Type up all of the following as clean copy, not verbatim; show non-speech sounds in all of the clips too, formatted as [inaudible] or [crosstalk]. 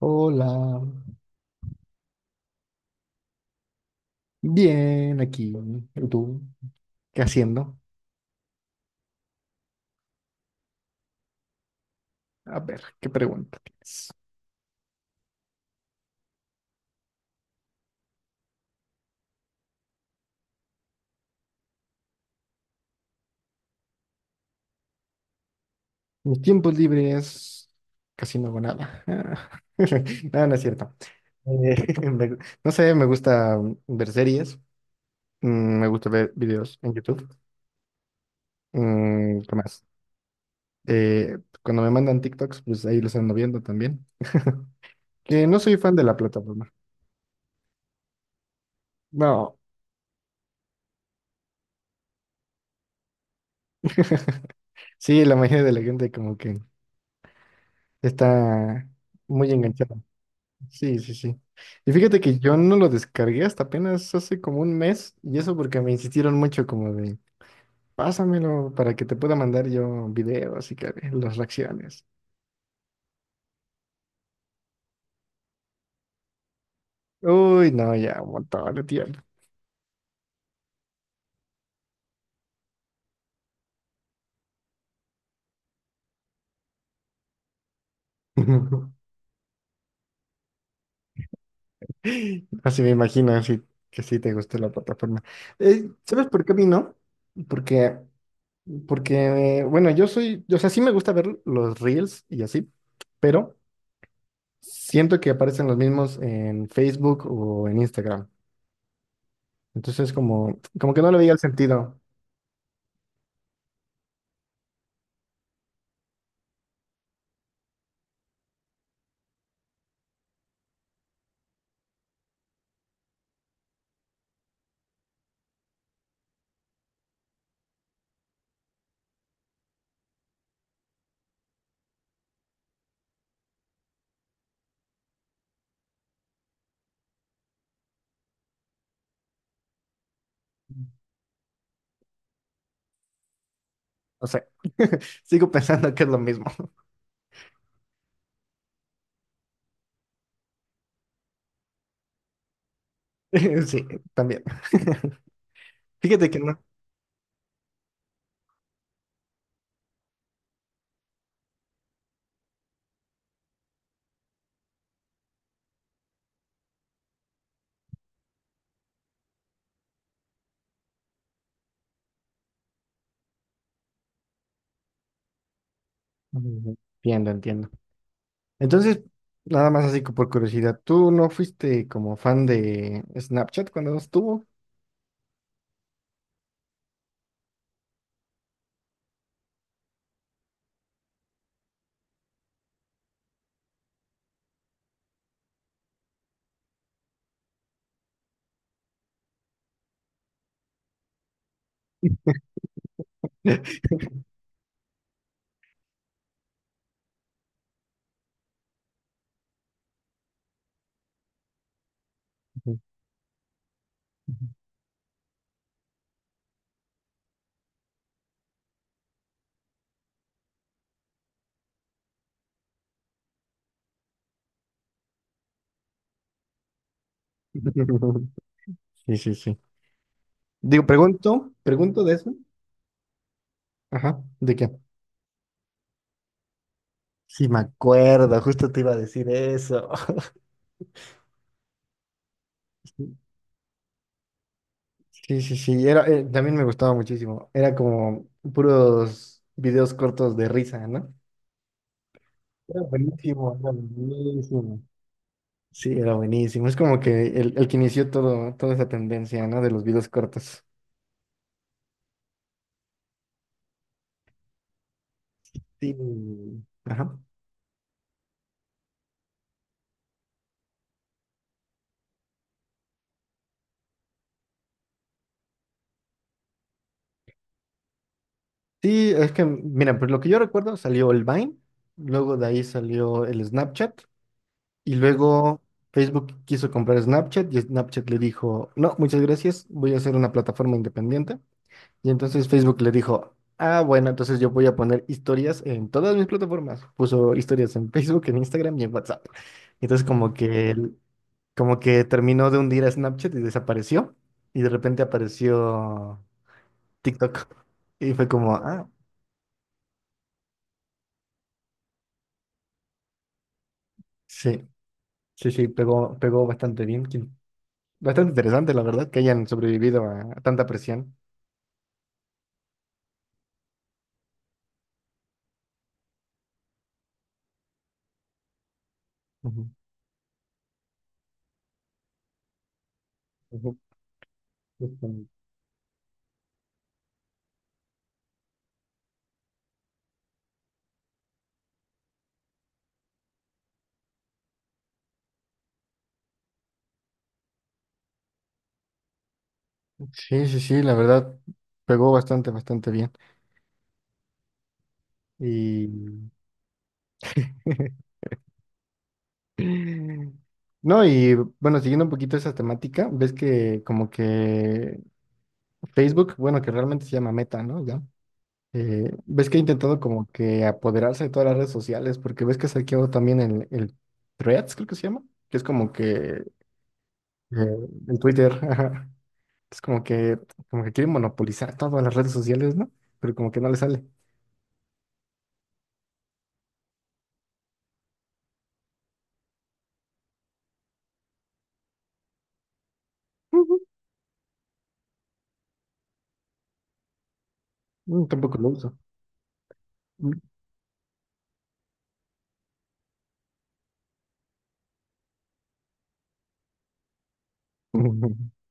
Hola, bien aquí. ¿Y tú? ¿Qué haciendo? A ver, ¿qué pregunta tienes? Mis tiempos libres, casi no hago nada. Ah, [laughs] no, no es cierto. Eh, [laughs] me- no sé, me gusta ver series, me gusta ver videos en YouTube. ¿Qué más? Cuando me mandan TikToks, pues ahí los ando viendo también. [laughs] Que no soy fan de la plataforma. No. [laughs] Sí, la mayoría de la gente como que está muy enganchada. Sí, sí, sí. Y fíjate que yo no lo descargué hasta apenas hace como un mes, y eso porque me insistieron mucho como de, pásamelo para que te pueda mandar yo videos y que ve las reacciones. Uy, no, ya, un montón de tiempo. [laughs] Así me imagino, así que sí te gustó la plataforma. ¿sabes por qué a mí no? Porque, porque, bueno, yo soy, o sea, sí me gusta ver los reels y así, pero siento que aparecen los mismos en Facebook o en Instagram. Entonces, como que no le veía el sentido. O sea, [laughs] sigo pensando que es lo mismo. [laughs] Sí, también. [laughs] Fíjate que no. Mm, entiendo, entiendo. Entonces, nada más así por curiosidad, ¿tú no fuiste como fan de Snapchat cuando no estuvo? [laughs] Ujú. Sí, sí, sí. Digo, pregunto, pregunto de eso. Ajá, ¿de qué? Sí, me acuerdo, justo te iba a decir eso. [laughs] Sí, sí, sí, era, también me gustaba muchísimo. Era como puros videos cortos de risa, ¿no? Era buenísimo, era buenísimo. Sí, era buenísimo. Es como que el que inició todo, toda esa tendencia, ¿no? De los videos cortos. Sí. Ajá. Sí, es que, mira, pues lo que yo recuerdo salió el Vine, luego de ahí salió el Snapchat, y luego Facebook quiso comprar Snapchat y Snapchat le dijo, no, muchas gracias, voy a hacer una plataforma independiente. Y entonces Facebook le dijo, ah, bueno, entonces yo voy a poner historias en todas mis plataformas. Puso historias en Facebook, en Instagram y en WhatsApp. Entonces como que, como que terminó de hundir a Snapchat y desapareció. Y de repente apareció TikTok. Y fue como, ah, sí, sí, sí, pegó, pegó bastante bien. Quien- Bastante interesante, la verdad, que hayan sobrevivido a tanta presión. Ujú, ujú, justamente. Sí, sí, sí, la verdad, pegó bastante, bastante bien. Y [laughs] no, y bueno, siguiendo un poquito esa temática, ves que como que Facebook, bueno, que realmente se llama Meta, ¿no? Ya. Eh, ves que ha intentado como que apoderarse de todas las redes sociales, porque ves que saqueó también el Threads, creo que se llama, que es como que el Twitter, [laughs] ajá. Es como que quiere monopolizar todas las redes sociales, ¿no? Pero como que no le sale. Ujú. Mm, tampoco lo uso. [laughs]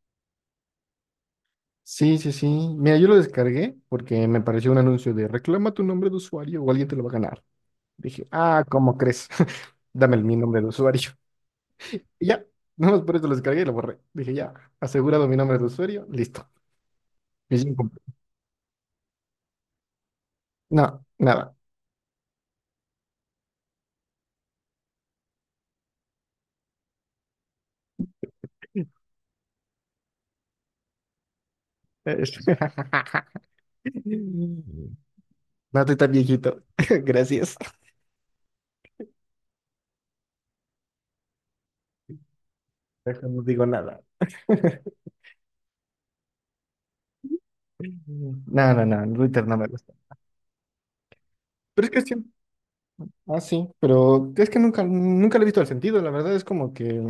Sí, sí, sí. Mira, yo lo descargué porque me pareció un anuncio de reclama tu nombre de usuario o alguien te lo va a ganar. Dije, ah, ¿cómo crees? [laughs] Dame mi nombre de usuario. Y ya, nada más por eso lo descargué y lo borré. Dije, ya, asegurado mi nombre de usuario, listo. Misión cumplida. No, nada. Es- [laughs] no estoy tan viejito. [laughs] Gracias. Deja, no digo nada. [laughs] No, no, no, Twitter no me gusta. Pero es que sí. Ah, sí, pero es que nunca, nunca le he visto el sentido. La verdad es como que.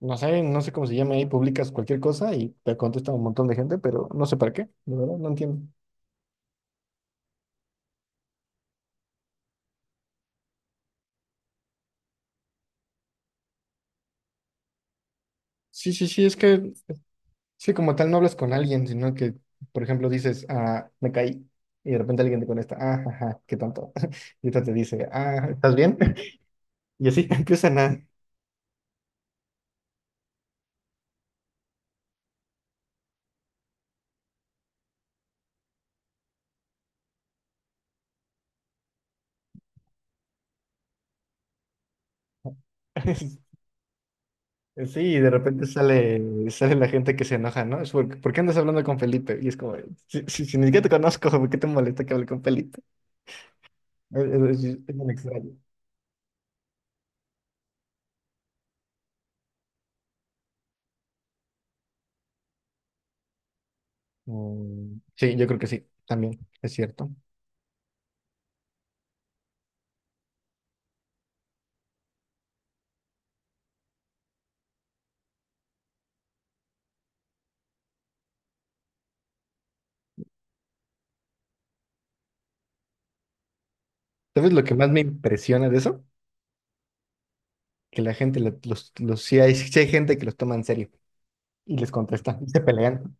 No sé, no sé cómo se llama ahí, publicas cualquier cosa y te contesta un montón de gente, pero no sé para qué, de verdad, no entiendo. Sí, sí, sí, es que, sí, como tal no hablas con alguien, sino que, por ejemplo, dices, ah, me caí, y de repente alguien te contesta, ah, ajá, qué tonto. [laughs] Y otra te dice, ah, ¿estás bien? [laughs] Y así [laughs] empiezan a... [laughs] Sí, y de repente sale, sale la gente que se enoja, ¿no? Es porque, ¿por qué andas hablando con Felipe? Y es como, si, si ni siquiera te conozco, [laughs] ¿por qué te molesta que hable con Felipe? Es, es bien extraño. Mm, sí, yo creo que sí, también es cierto. ¿Sabes lo que más me impresiona de eso? Que la gente, los, sí hay gente que los toma en serio y les contesta, y se pelean.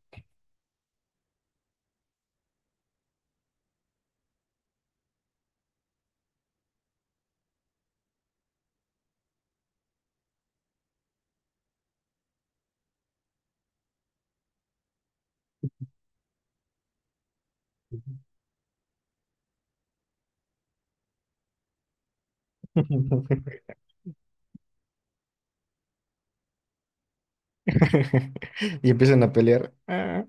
[laughs] Y empiezan a pelear. Ah,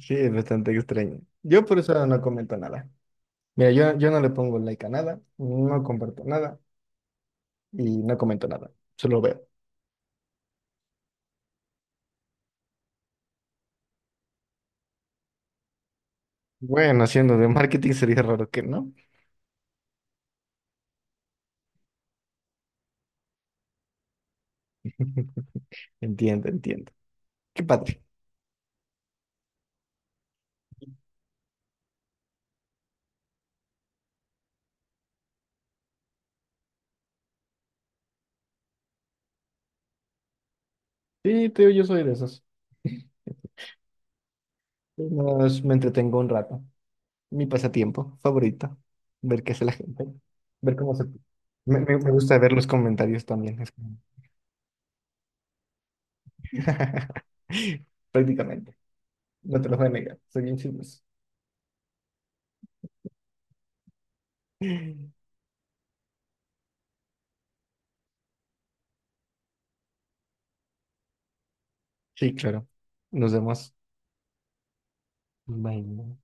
sí, es bastante extraño. Yo por eso no comento nada. Mira, yo no le pongo like a nada, no comparto nada y no comento nada, solo veo. Bueno, haciendo de marketing sería raro que no. [laughs] Entiendo, entiendo. Qué padre. Sí, te digo, yo soy de esos. [laughs] Y me entretengo un rato. Mi pasatiempo favorito, ver qué hace la gente, ver cómo se... me gusta ver los comentarios también, es como- [laughs] prácticamente. No te lo voy a negar, soy bien chismoso. Sí, claro. Nos vemos. Bye.